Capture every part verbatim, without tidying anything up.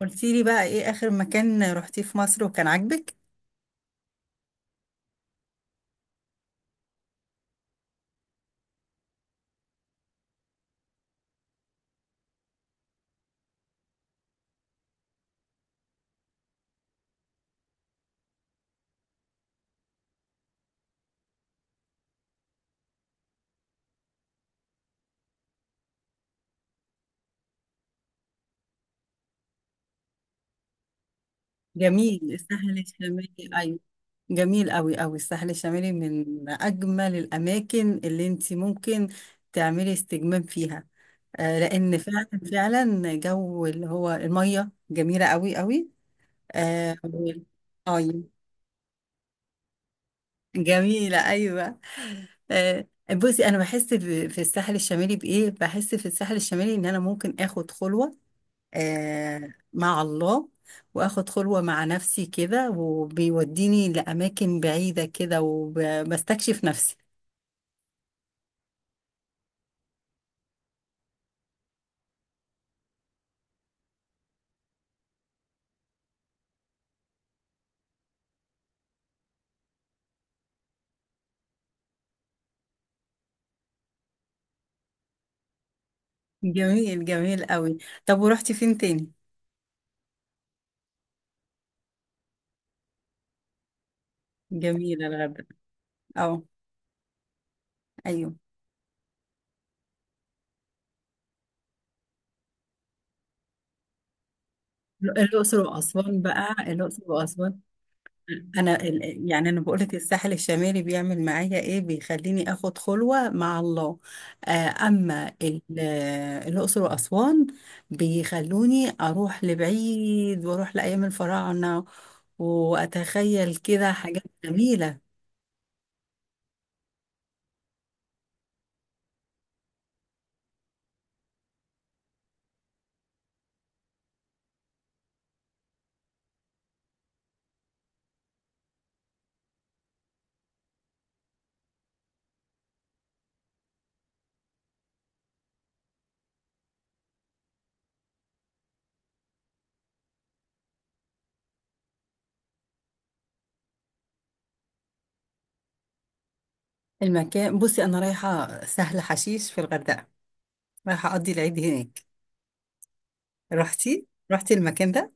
قلتي لي بقى ايه اخر مكان رحتيه في مصر وكان عاجبك. جميل الساحل الشمالي، ايوه. جميل قوي قوي الساحل الشمالي من اجمل الاماكن اللي انت ممكن تعملي استجمام فيها. آه لان فعلا فعلا جو اللي هو الميه جميله قوي قوي. اه وال- أيوة، جميله ايوه. آه بصي انا بحس ب- في الساحل الشمالي بايه، بحس في الساحل الشمالي ان انا ممكن اخد خلوه، آه، مع الله. واخد خلوة مع نفسي كده وبيوديني لأماكن بعيدة كده وبستكشف نفسي. جميل جميل قوي. طب ورحتي فين تاني؟ جميل الغردقة. اه. ايوه. الأقصر وأسوان بقى، الأقصر وأسوان. انا ال- يعني انا بقولك الساحل الشمالي بيعمل معايا ايه؟ بيخليني اخد خلوة مع الله. آه، اما ال- آه، الاقصر واسوان بيخلوني اروح لبعيد واروح لايام الفراعنة واتخيل كده حاجات جميلة. المكان، بصي انا رايحة سهل حشيش في الغردقة، رايحة اقضي العيد هناك. رحتي رحتي المكان ده؟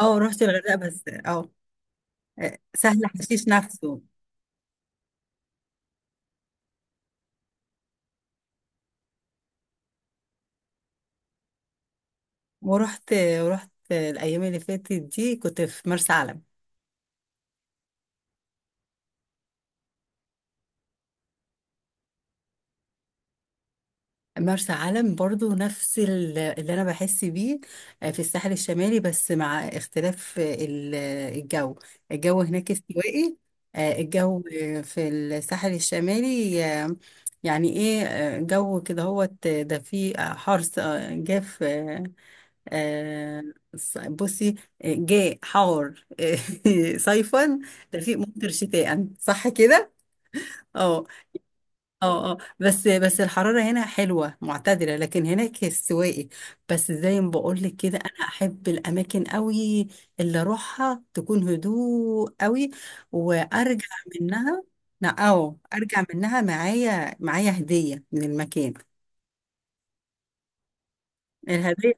اه رحت الغردقة بس اه، آه، سهل حشيش نفسه. ورحت ورحت الايام اللي فاتت دي كنت في مرسى علم. مرسى علم برضو نفس ال- اللي انا بحس بيه، آه، في الساحل الشمالي بس مع اختلاف ال- الجو. الجو هناك استوائي. آه، الجو في الساحل الشمالي، آه، يعني ايه، آه، جو كده هو ده فيه حرس، آه، جاف، آه، آه، بصي، آه، جاء حار صيفا، دفيق ممطر شتاء، صح كده؟ اه اه اه بس بس الحرارة هنا حلوة معتدلة لكن هناك السواقي. بس زي ما بقول لك كده، انا احب الاماكن قوي اللي اروحها تكون هدوء قوي وارجع منها. لا، او ارجع منها معايا، معايا هدية من المكان. الهدية،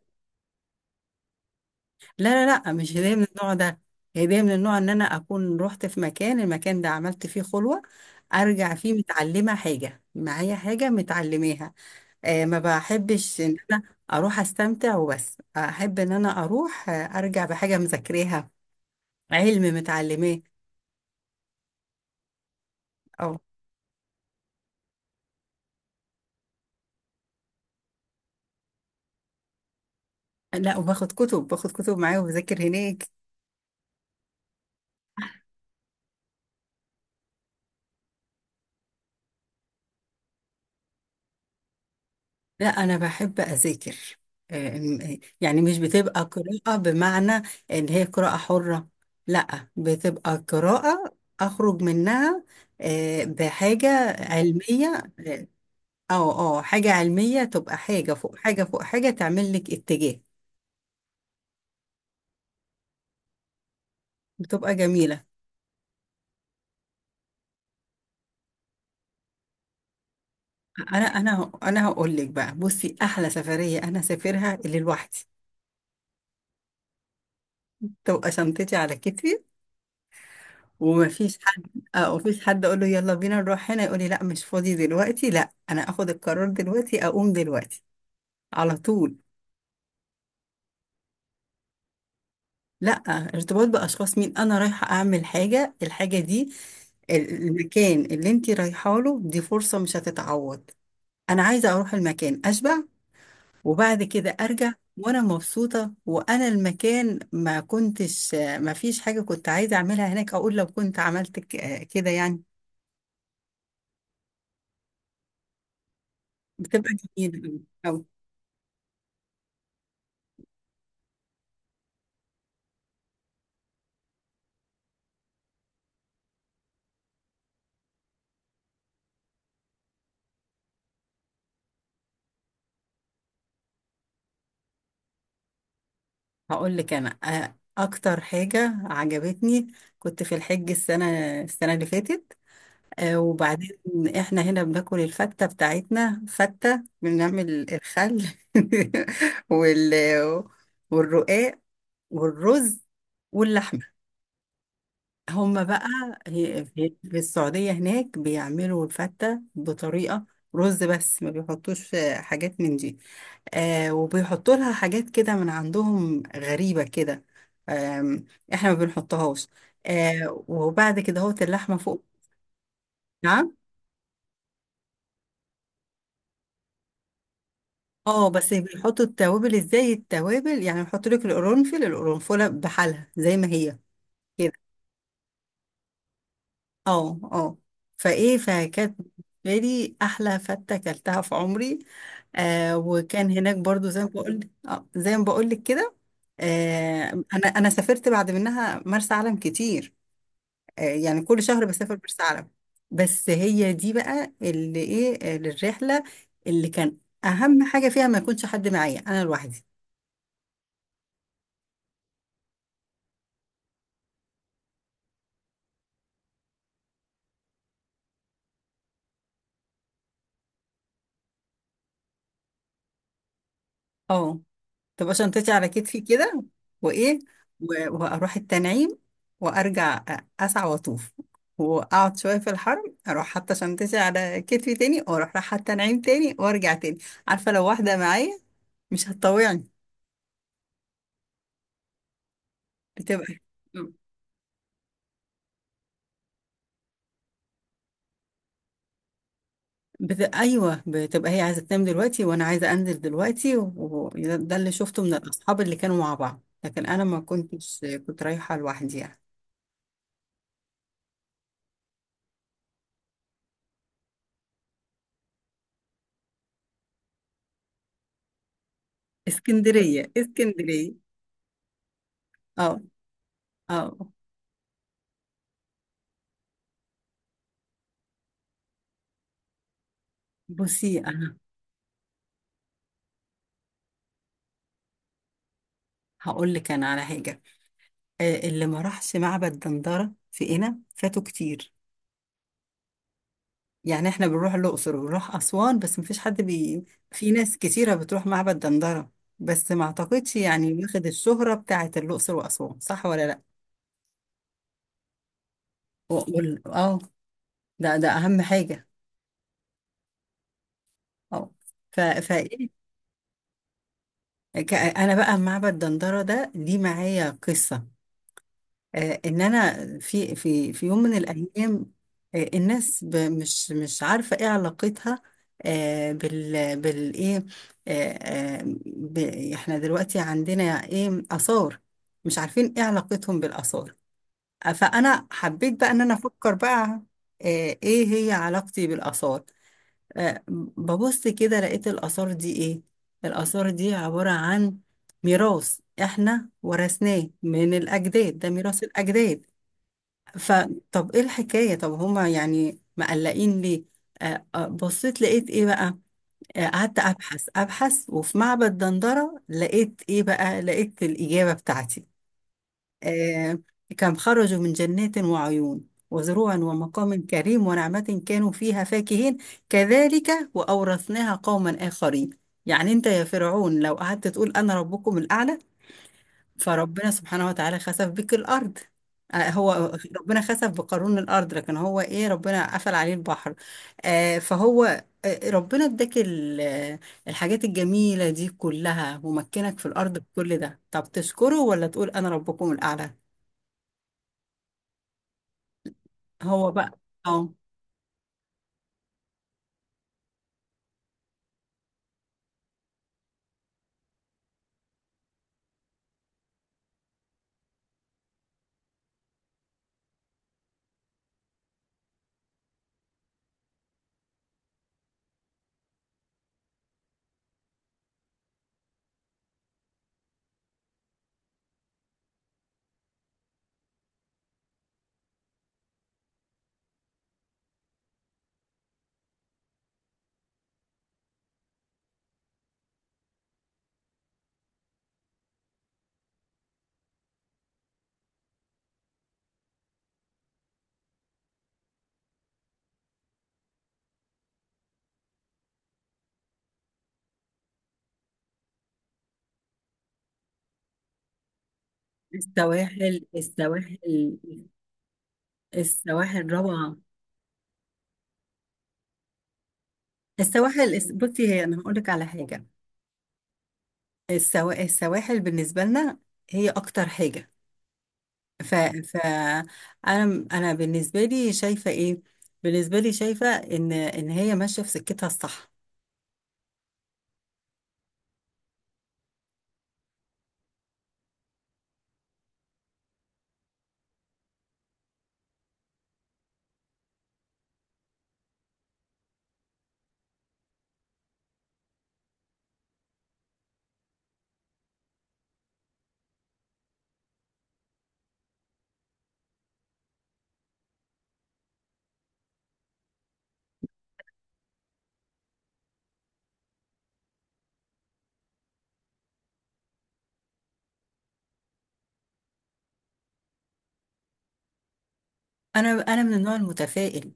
لا لا لا مش هدية من النوع ده. هدية من النوع ان انا اكون رحت في مكان، المكان ده عملت فيه خلوة، ارجع فيه متعلمة حاجة، معايا حاجة متعلماها. آه، ما بحبش ان انا اروح استمتع وبس، احب ان انا اروح، آه، ارجع بحاجه مذاكراها، علم متعلماه. او لا، وباخد كتب، باخد كتب معايا وبذاكر هناك. لا انا بحب اذاكر. آه، م- يعني مش بتبقى قراءه بمعنى ان هي قراءه حره، لا بتبقى قراءه اخرج منها آه، بحاجه علميه. اه اه حاجه علميه تبقى حاجه فوق حاجه فوق حاجه، تعمل لك اتجاه، بتبقى جميله. انا انا انا هقول لك بقى، بصي احلى سفريه انا سافرها اللي لوحدي، تبقى شنطتي على كتفي ومفيش حد. اه مفيش حد اقول له يلا بينا نروح هنا يقول لي لا مش فاضي دلوقتي. لا، انا اخد القرار دلوقتي اقوم دلوقتي على طول. لا، ارتباط باشخاص مين، انا رايحه اعمل حاجه، الحاجه دي، ال- المكان اللي انت رايحه له دي فرصه مش هتتعوض. انا عايزه اروح المكان اشبع وبعد كده ارجع وانا مبسوطه، وانا المكان ما كنتش ما فيش حاجه كنت عايزه اعملها هناك، اقول لو كنت عملت ك- كده يعني. بتبقى جميله أوي. هقول لك انا، آه، اكتر حاجه عجبتني، كنت في الحج السنه، السنه اللي فاتت، آه، وبعدين احنا هنا بناكل الفته بتاعتنا، فته بنعمل الخل وال والرقاق والرز واللحمه، هما بقى هي- في في السعودية هناك بيعملوا الفتة بطريقة، رز بس ما بيحطوش آه، حاجات من دي، آه وبيحطوا لها حاجات كده من عندهم غريبة كده. آم، احنا ما بنحطهاش. آه وبعد كده هوت اللحمة فوق. نعم. اه بس بيحطوا التوابل ازاي، التوابل يعني بيحطوا لك القرنفل، القرنفلة بحالها زي ما هي كده. اه اه. فايه فكانت بالنسبة لي احلى فتة اكلتها في عمري. آه وكان هناك برضو زي ما بقول، آه زي ما بقول لك كده، آه انا انا سافرت بعد منها مرسى علم كتير. آه يعني كل شهر بسافر مرسى علم. بس هي دي بقى اللي ايه، آه، للرحله اللي كان اهم حاجه فيها ما يكونش حد معايا، انا لوحدي. اه، تبقى شنطتي على كتفي كده. وايه، و- واروح التنعيم وارجع أ- اسعى واطوف واقعد شويه في الحرم، اروح حاطه شنطتي على كتفي تاني واروح رايحه التنعيم تاني وارجع تاني. عارفه لو واحده معايا مش هتطوعني. بتبقى، بت... ايوه بتبقى هي عايزه تنام دلوقتي وانا عايزه انزل دلوقتي، وده ده اللي شفته من الاصحاب اللي كانوا مع بعض، لكن انا ما كنتش، كنت رايحه لوحدي يعني. اسكندريه اسكندريه. اه اه بصي هقول لك انا على حاجه، آه، اللي ما راحش معبد دندره في قنا فاتوا كتير. يعني احنا بنروح الاقصر وبنروح اسوان بس مفيش حد بي، في ناس كتيره بتروح معبد دندره بس ما اعتقدش يعني واخد الشهره بتاعه الاقصر واسوان، صح ولا لا؟ وأقول- اه ده ده اهم حاجه. اه. ف ف إيه؟ ك- انا بقى معبد دندره ده دي معايا قصه، آه، ان انا في في في يوم من الايام، آه، الناس ب- مش مش عارفه ايه علاقتها، آه، بال بالايه، آه، آه، ب- احنا دلوقتي عندنا ايه اثار، مش عارفين ايه علاقتهم بالاثار. آه، فانا حبيت بقى ان انا افكر بقى آه، ايه هي علاقتي بالاثار. آه، ببص كده لقيت الاثار دي ايه، الاثار دي عباره عن ميراث احنا ورثناه من الاجداد، ده ميراث الاجداد. فطب ايه الحكاية، طب هما يعني مقلقين ليه؟ آه، آه، بصيت لقيت ايه بقى، آه، قعدت ابحث ابحث وفي معبد دندرة لقيت ايه بقى، لقيت الإجابة بتاعتي. آه، كم خرجوا من جنات وعيون وزروع ومقام كريم ونعمة كانوا فيها فاكهين، كذلك وأورثناها قوما آخرين. يعني انت يا فرعون لو قعدت تقول انا ربكم الأعلى، فربنا سبحانه وتعالى خسف بك الأرض. آه، هو ربنا خسف بقارون الأرض، لكن هو إيه، ربنا قفل عليه البحر. آه، فهو آه، ربنا اداك ال- آه، الحاجات الجميلة دي كلها ومكنك في الأرض بكل ده، طب تشكره ولا تقول أنا ربكم الأعلى؟ هو بقى اه. السواحل السواحل. السواحل روعة. السواحل الس- بصي هي أنا هقول لك على حاجة، السوا- السواحل بالنسبة لنا هي أكتر حاجة. ف ف انا انا بالنسبه لي شايفه ايه، بالنسبه لي شايفه ان ان هي ماشيه في سكتها الصح. انا انا من النوع المتفائل،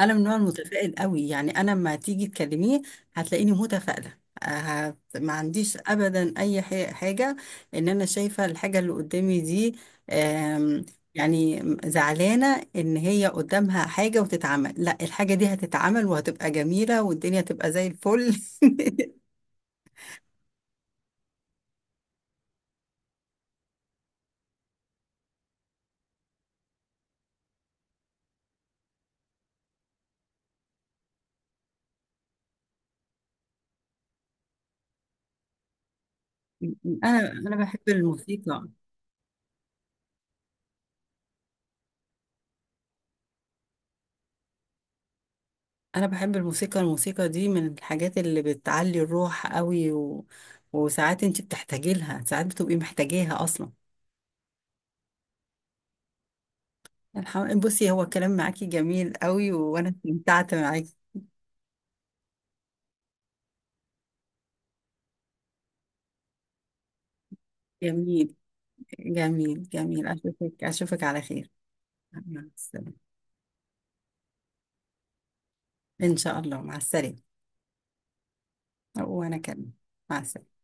انا من النوع المتفائل قوي، يعني انا لما تيجي تكلميه هتلاقيني متفائله. هت- ما عنديش ابدا اي ح- حاجه ان انا شايفه الحاجه اللي قدامي دي. آم، يعني زعلانه ان هي قدامها حاجه وتتعمل، لا الحاجه دي هتتعمل وهتبقى جميله والدنيا تبقى زي الفل. انا انا بحب الموسيقى. انا بحب الموسيقى، الموسيقى دي من الحاجات اللي بتعلي الروح قوي، و... وساعات انت بتحتاجي لها، ساعات بتبقي محتاجاها اصلا. الحم... بصي هو الكلام معاكي جميل قوي وانا استمتعت معاكي. جميل جميل جميل اشوفك اشوفك على خير. مع السلامة. ان شاء الله مع السلامة. وانا كمان. مع السلامة.